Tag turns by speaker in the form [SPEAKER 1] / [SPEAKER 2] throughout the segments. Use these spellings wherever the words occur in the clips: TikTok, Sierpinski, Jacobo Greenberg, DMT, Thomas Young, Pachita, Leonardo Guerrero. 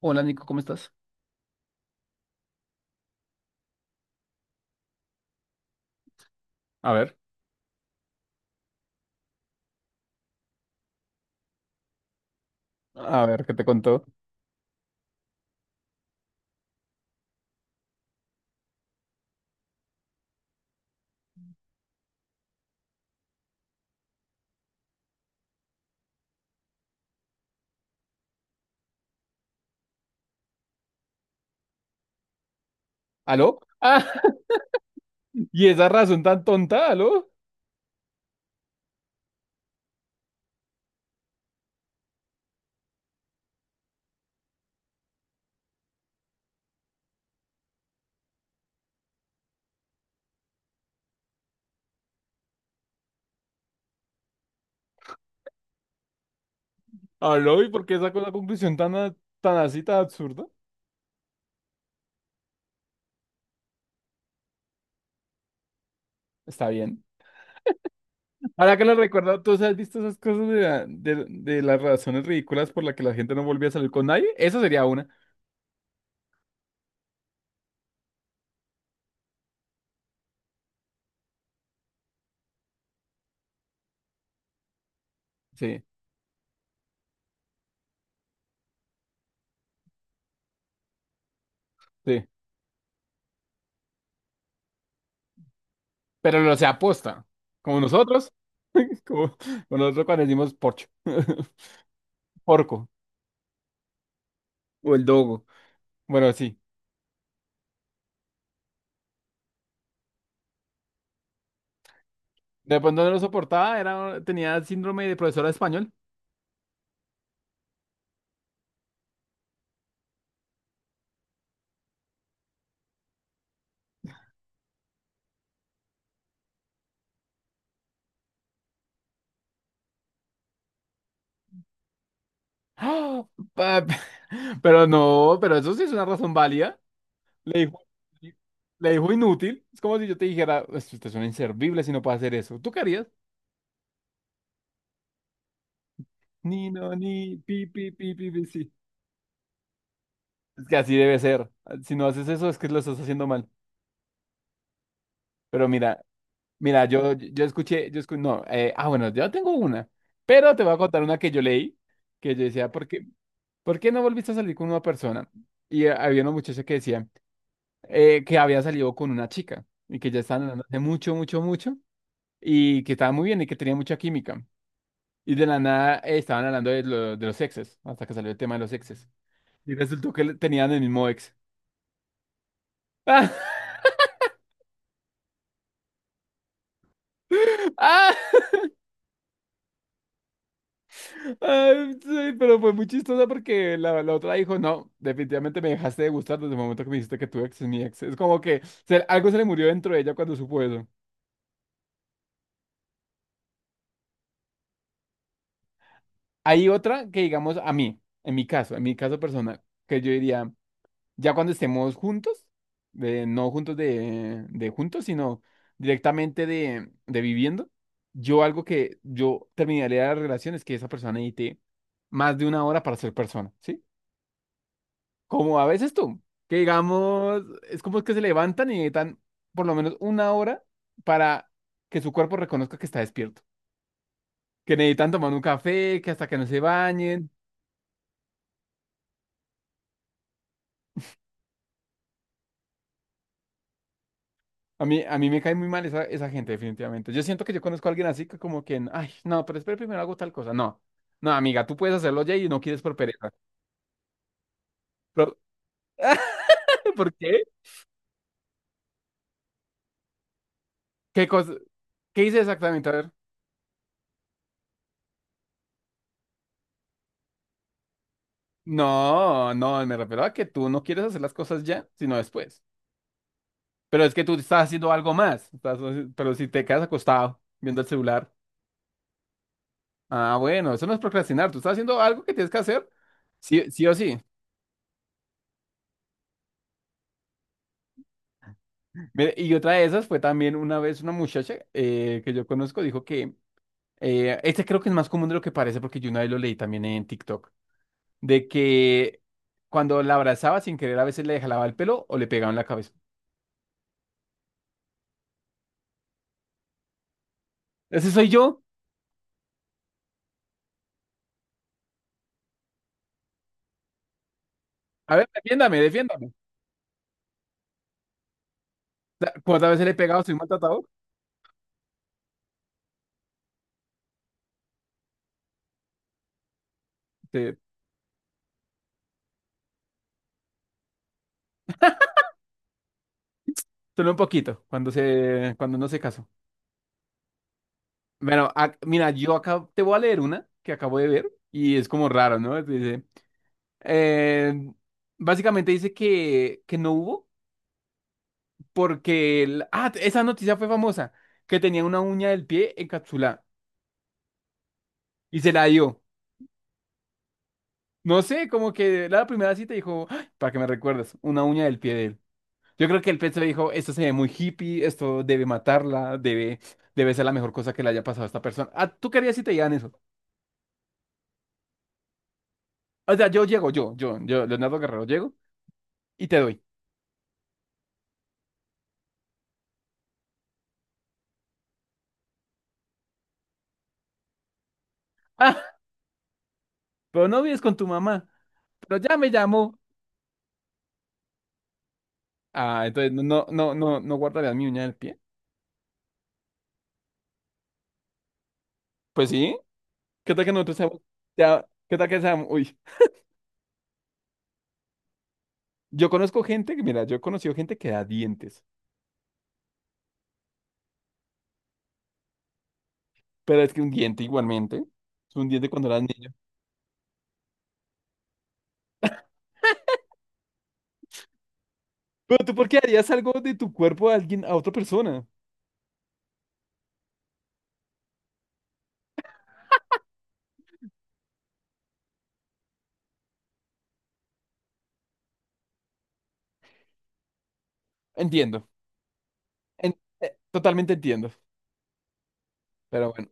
[SPEAKER 1] Hola Nico, ¿cómo estás? A ver, ¿qué te contó? ¿Aló? Ah, y esa razón tan tonta, ¿aló? ¿Aló? ¿Y por qué sacó la conclusión tan, tan así, tan absurda? Está bien. Ahora que lo recuerdo, ¿tú has visto esas cosas de las razones ridículas por las que la gente no volvía a salir con nadie? Esa sería una. Sí, sí. Pero lo se aposta. Como nosotros. Como, como nosotros cuando decimos porcho. Porco. O el dogo. Bueno, sí. De pronto no lo soportaba, era, tenía síndrome de profesora de español. ¡Ah! Pa- Pero no, pero eso sí es una razón válida. Le dijo, le dijo inútil. Es como si yo te dijera, "Pues, usted es un inservible si no puede hacer eso". ¿Tú qué harías? Ni, no, ni, pi, pi, pi, pi, pi, sí. Es que así debe ser. Si no haces eso, es que lo estás haciendo mal. Pero mira, yo escuché, yo escu- no, ah, bueno, yo tengo una. Pero te voy a contar una que yo leí, que yo decía, ¿por qué no volviste a salir con una persona? Y había una muchacha que decía, que había salido con una chica y que ya estaban hablando hace mucho y que estaba muy bien y que tenía mucha química. Y de la nada estaban hablando de los exes, hasta que salió el tema de los exes. Y resultó que tenían el mismo ex. ¡Ah! ¡Ah! Ay, sí, pero fue muy chistosa porque la otra dijo, no, definitivamente me dejaste de gustar desde el momento que me dijiste que tu ex es mi ex. Es como que algo se le murió dentro de ella cuando supo eso. Hay otra que digamos a mí, en mi caso personal, que yo diría. Ya cuando estemos juntos, no juntos de juntos, sino directamente de viviendo, yo algo que yo terminaría la relación es que esa persona necesite más de una hora para ser persona, ¿sí? Como a veces tú, que digamos, es como que se levantan y necesitan por lo menos una hora para que su cuerpo reconozca que está despierto, que necesitan tomar un café, que hasta que no se bañen. A mí me cae muy mal esa, esa gente, definitivamente. Yo siento que yo conozco a alguien así que como que, ay, no, pero espera, primero hago tal cosa. No, no, amiga, tú puedes hacerlo ya y no quieres por pereza. Pero, ¿por qué? ¿Qué cosa? ¿Qué hice exactamente? A ver. No, no, me refiero a que tú no quieres hacer las cosas ya, sino después. Pero es que tú estás haciendo algo más. Estás, pero si te quedas acostado viendo el celular, ah, bueno, eso no es procrastinar. Tú estás haciendo algo que tienes que hacer, sí, sí o sí. Mire, y otra de esas fue también una vez una muchacha que yo conozco dijo que este creo que es más común de lo que parece porque yo una vez lo leí también en TikTok, de que cuando la abrazaba sin querer a veces le jalaba el pelo o le pegaba en la cabeza. Ese soy yo. A ver, defiéndame, defiéndame. O sea, ¿cuántas veces le he pegado? Soy maltratado. Sí, solo un poquito, cuando se, cuando no se casó. Bueno, mira, yo acá te voy a leer una que acabo de ver y es como raro, ¿no? Dice, eh, básicamente dice que no hubo. Porque esa noticia fue famosa, que tenía una uña del pie encapsulada y se la dio. No sé, como que la primera cita dijo, "Ay, para que me recuerdes, una uña del pie de él". Yo creo que el pez le dijo, esto se ve muy hippie, esto debe matarla, debe, debe ser la mejor cosa que le haya pasado a esta persona. Ah, ¿tú querías si te digan eso? O sea, yo llego, yo, Leonardo Guerrero, llego y te doy. Ah, pero no vives con tu mamá, pero ya me llamó. Ah, entonces no, no guardarías mi uña del pie. Pues sí. ¿Qué tal que nosotros seamos? Ya, ¿qué tal que seamos? Uy, yo conozco gente que, mira, yo he conocido gente que da dientes, pero es que un diente igualmente, es un diente cuando eras niño. Pero tú, ¿por qué harías algo de tu cuerpo a alguien, a otra persona? Entiendo, totalmente entiendo, pero bueno,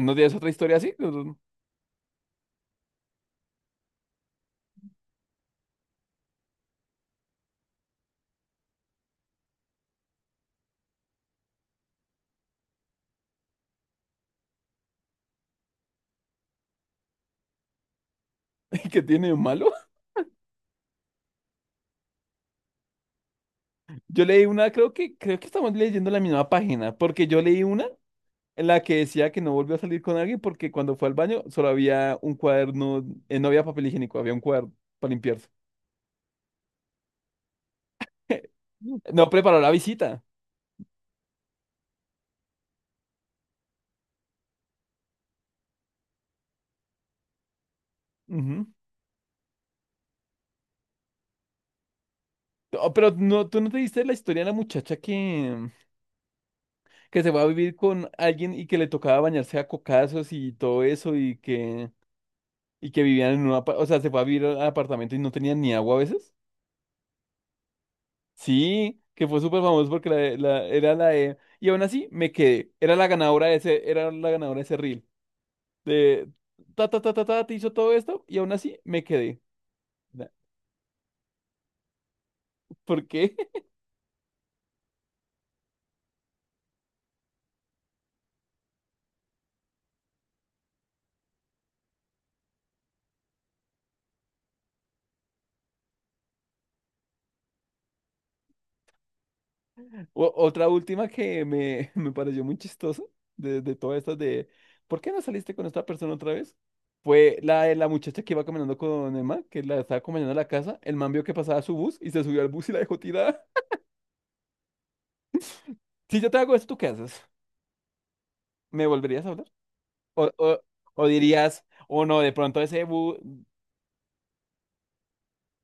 [SPEAKER 1] ¿no tienes otra historia así? ¿Qué tiene de malo? Yo leí una, creo que estamos leyendo la misma página, porque yo leí una en la que decía que no volvió a salir con alguien porque cuando fue al baño solo había un cuaderno, no había papel higiénico, había un cuaderno para limpiarse. No preparó la visita. Ujú. Oh, pero no, tú no te diste la historia de la muchacha que se va a vivir con alguien y que le tocaba bañarse a cocazos y todo eso y que vivían en un o sea, se fue a vivir al apartamento y no tenían ni agua a veces. Sí, que fue súper famoso porque era la de, y aún así me quedé, era la ganadora de ese, era la ganadora de ese reel, de ta ta ta ta ta, te hizo todo esto y aún así me quedé. ¿Por qué? Otra última que me, me pareció muy chistosa de todas estas de ¿por qué no saliste con esta persona otra vez? Fue la de la muchacha que iba caminando con el man, que la estaba acompañando a la casa. El man vio que pasaba su bus y se subió al bus y la dejó tirada. Si yo te hago esto, ¿tú qué haces? ¿Me volverías a hablar? O, o, o dirías, o no, de pronto ese bus.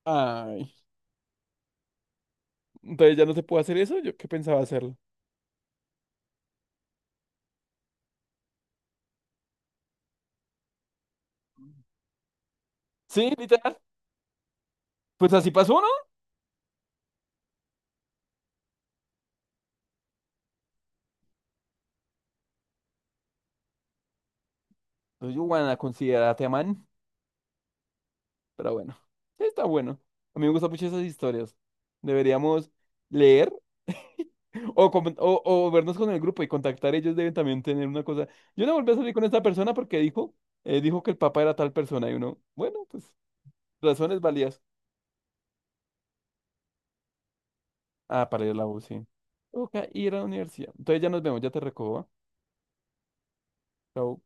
[SPEAKER 1] Ay, entonces ya no se puede hacer eso. Yo qué pensaba hacerlo. Sí, literal. Pues así pasó, ¿no? Entonces, yo, bueno, considérate, man. Pero bueno, está bueno. A mí me gustan mucho esas historias. Deberíamos leer o, o vernos con el grupo y contactar. Ellos deben también tener una cosa. Yo no volví a salir con esta persona porque dijo, dijo que el papá era tal persona. Y uno, bueno, pues razones válidas. Ah, para ir a la U, sí. Ok, ir a la universidad. Entonces ya nos vemos, ya te recojo. ¿Va? Chao.